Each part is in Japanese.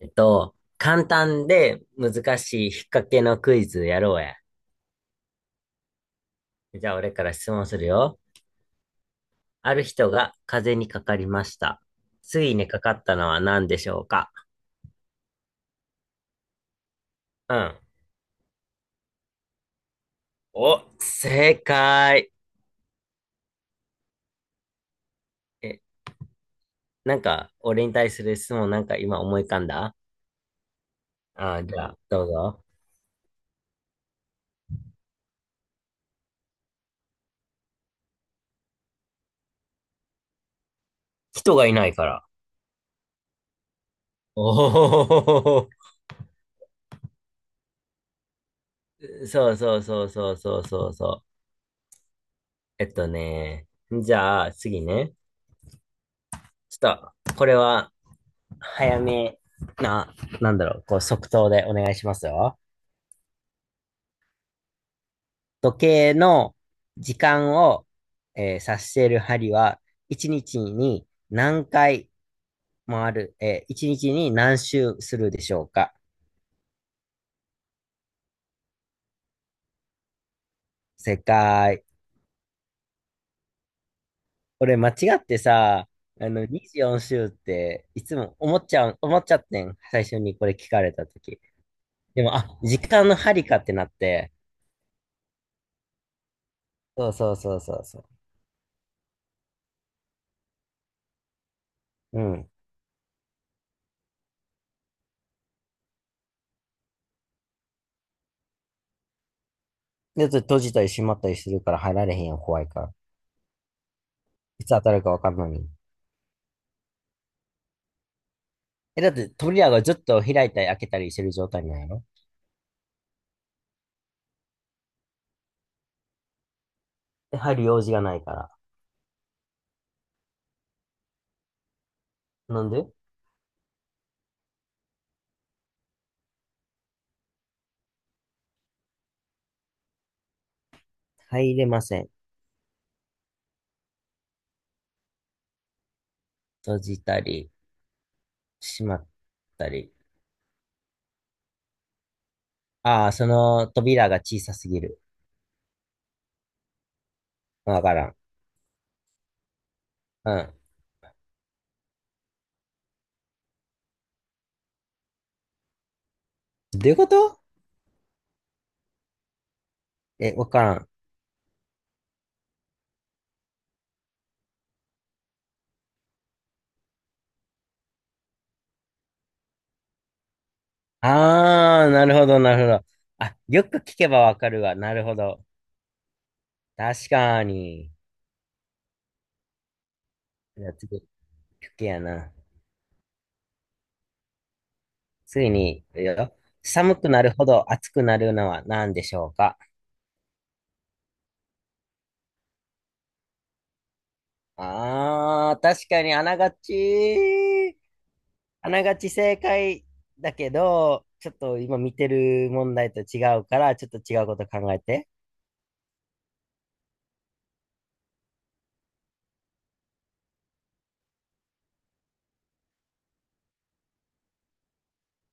簡単で難しい引っ掛けのクイズやろうや。じゃあ俺から質問するよ。ある人が風邪にかかりました。ついにかかったのは何でしょうか？うん。お、正解。え、なんか、俺に対する質問なんか今思い浮かんだ。じゃあ、どうぞ。人がいないから。おお、そうそうそうそうそうそうそう。えっとね、じゃあ次ね。ちょっと、これは、早めな、なんだろう、こう即答でお願いしますよ。時計の時間を、指している針は、1日にちに何回回る、1日にちに何周するでしょうか？正解。俺間違ってさ、24周っていつも思っちゃう、思っちゃってん。最初にこれ聞かれたとき。でも、あ、時間の針かってなって。そうそうそうそうそう。うん。で、閉じたり閉まったりするから入られへんやん、怖いから。いつ当たるかわかんないのに。え、だって扉がずっと開いたり開けたりしてる状態なんやろ？で、入る用事がないから。なんで入れません。閉じたり、閉まったり。ああ、その扉が小さすぎる。わからん。うん。どういうこと？え、わからん。ああ、なるほど、なるほど。あ、よく聞けばわかるわ。なるほど。確かに。じゃあ次、聞けやな。ついに、いくよ。寒くなるほど暑くなるのは何でしょうか？ああ、確かにあながち正解だけど、ちょっと今見てる問題と違うから、ちょっと違うこと考えて。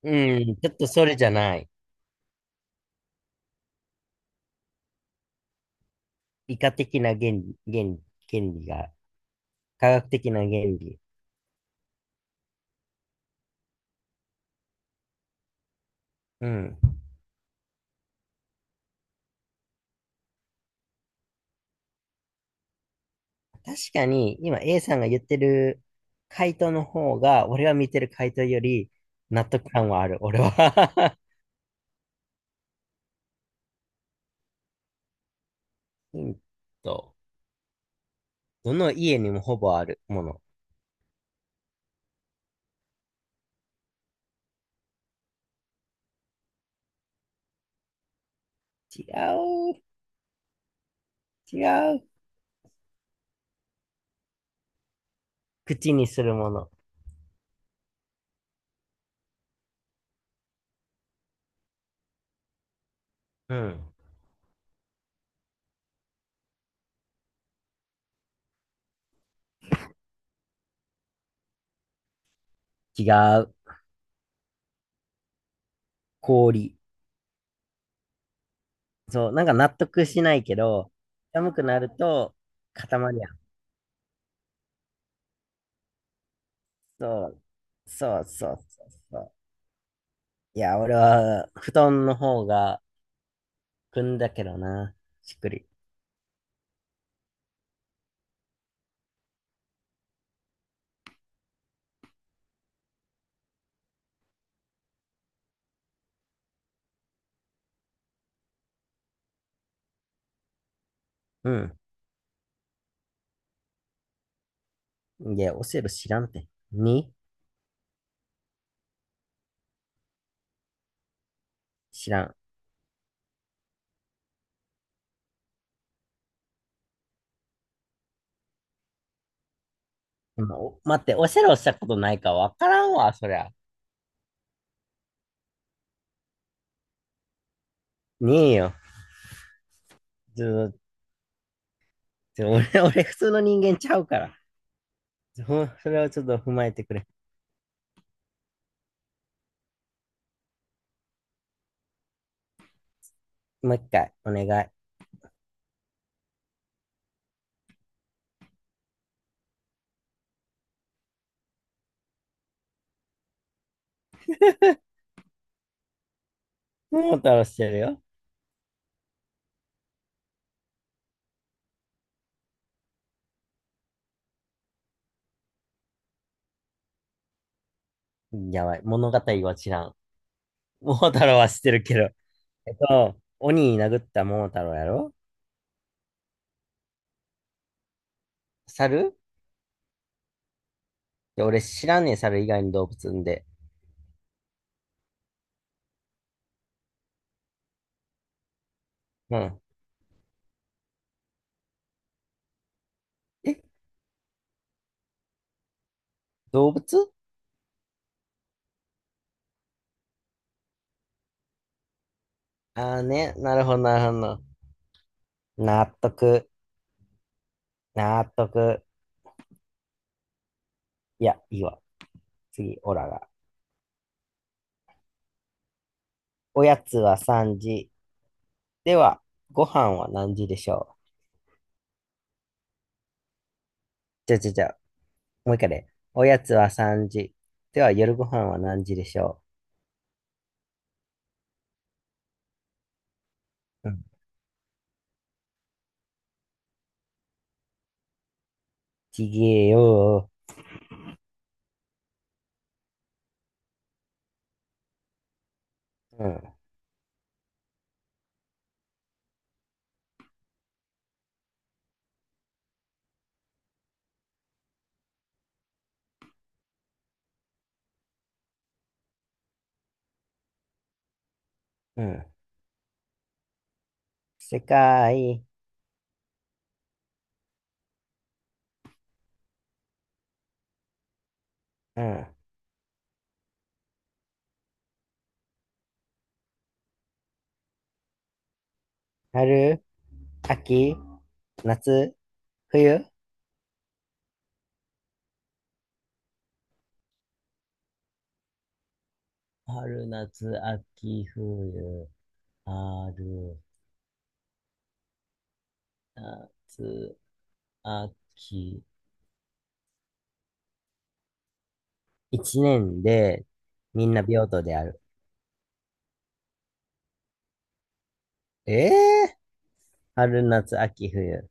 うん、ちょっとそれじゃない。理科的な原理が、科学的な原理。うん。確かに、今 A さんが言ってる回答の方が、俺が見てる回答より納得感はある、俺は。ヒント。どの家にもほぼあるもの。違う、違う。口にするもの。うん。違う。氷。そう、なんか納得しないけど、寒くなると固まるやん。そう、そうそうそうそう。いや、俺は布団の方が組んだけどな。しっくり。うん。いや、オセロ知らんて。知らん。今お待って、オセロしたことないかわからんわ、そりゃ。ねえよ。ちょっと、ちょ俺、俺普通の人間ちゃうから。それをちょっと踏まえてくれ。もう一回、お願い。桃太郎してるよ。やばい。物語は知らん。桃太郎は知ってるけど。鬼に殴った桃太郎やろ？猿。で俺知らんねえ、猿以外の動物んで。うん。え、動物？ああーね。なるほど、なるほど。納得。納得。いや、いいわ。次、オラが。おやつは3時。では、ご飯は何時でしょう？じゃ、もう一回で、おやつは3時。では、夜ご飯は何時でしょう？うん。ちげえよー。うん。うん。世界、うん。春、秋、夏、冬。春、夏、秋、冬、春、夏、秋。一年でみんな平等である。ええー春、夏、秋、冬。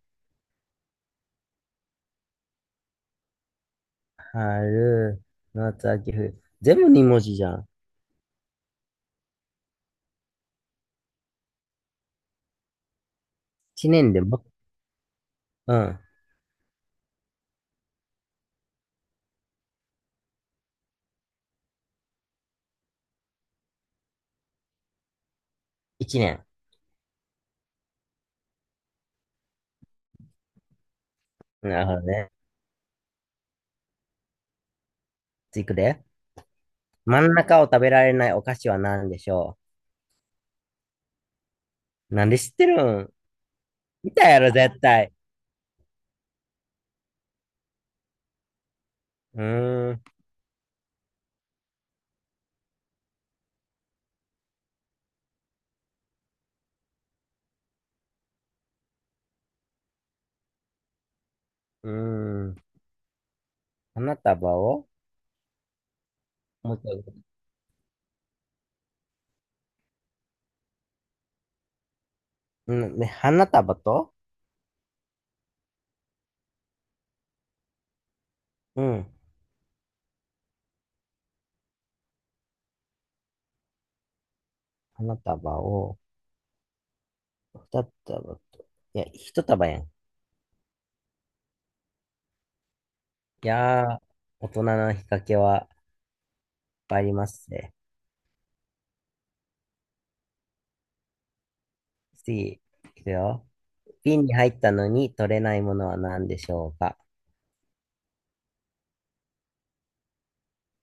春、夏、秋、冬。全部二文字じゃん。一年でも、うん。一年。なるほどね。次行くで。真ん中を食べられないお菓子は何でしょう？なんで知ってるん？見たやろ、絶対。うーん、うーん。花束を、もう一回。うん、ね、花束と、うん。花束を、二束と。いや、一束やん。いやー、大人の引っ掛けはいっぱいありますね。次、いくよ。瓶に入ったのに取れないものは何でしょうか？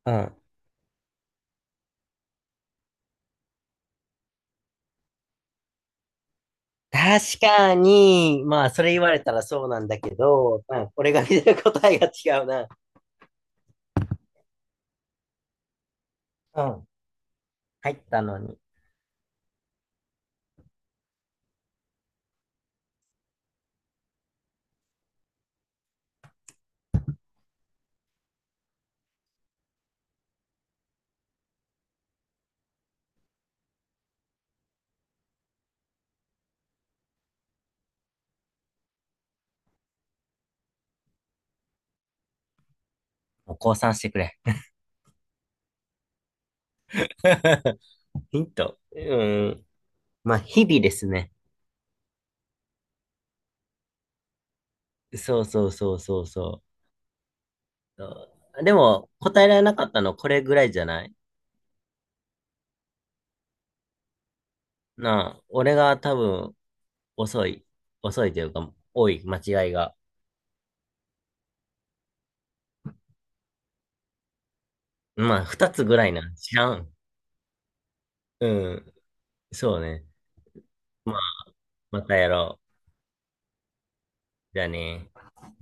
うん。確かに、まあ、それ言われたらそうなんだけど、うん、俺が見てる答えが違うな。うん。入ったのに。もう降参してくれ。ヒント。うん。まあ、日々ですね。そうそうそうそうそう。あ、でも、答えられなかったのこれぐらいじゃない？なあ、俺が多分、遅い。遅いというか、多い、間違いが。まあ、二つぐらいな。知らん。うん。そうね。まあ、またやろう。じゃあね。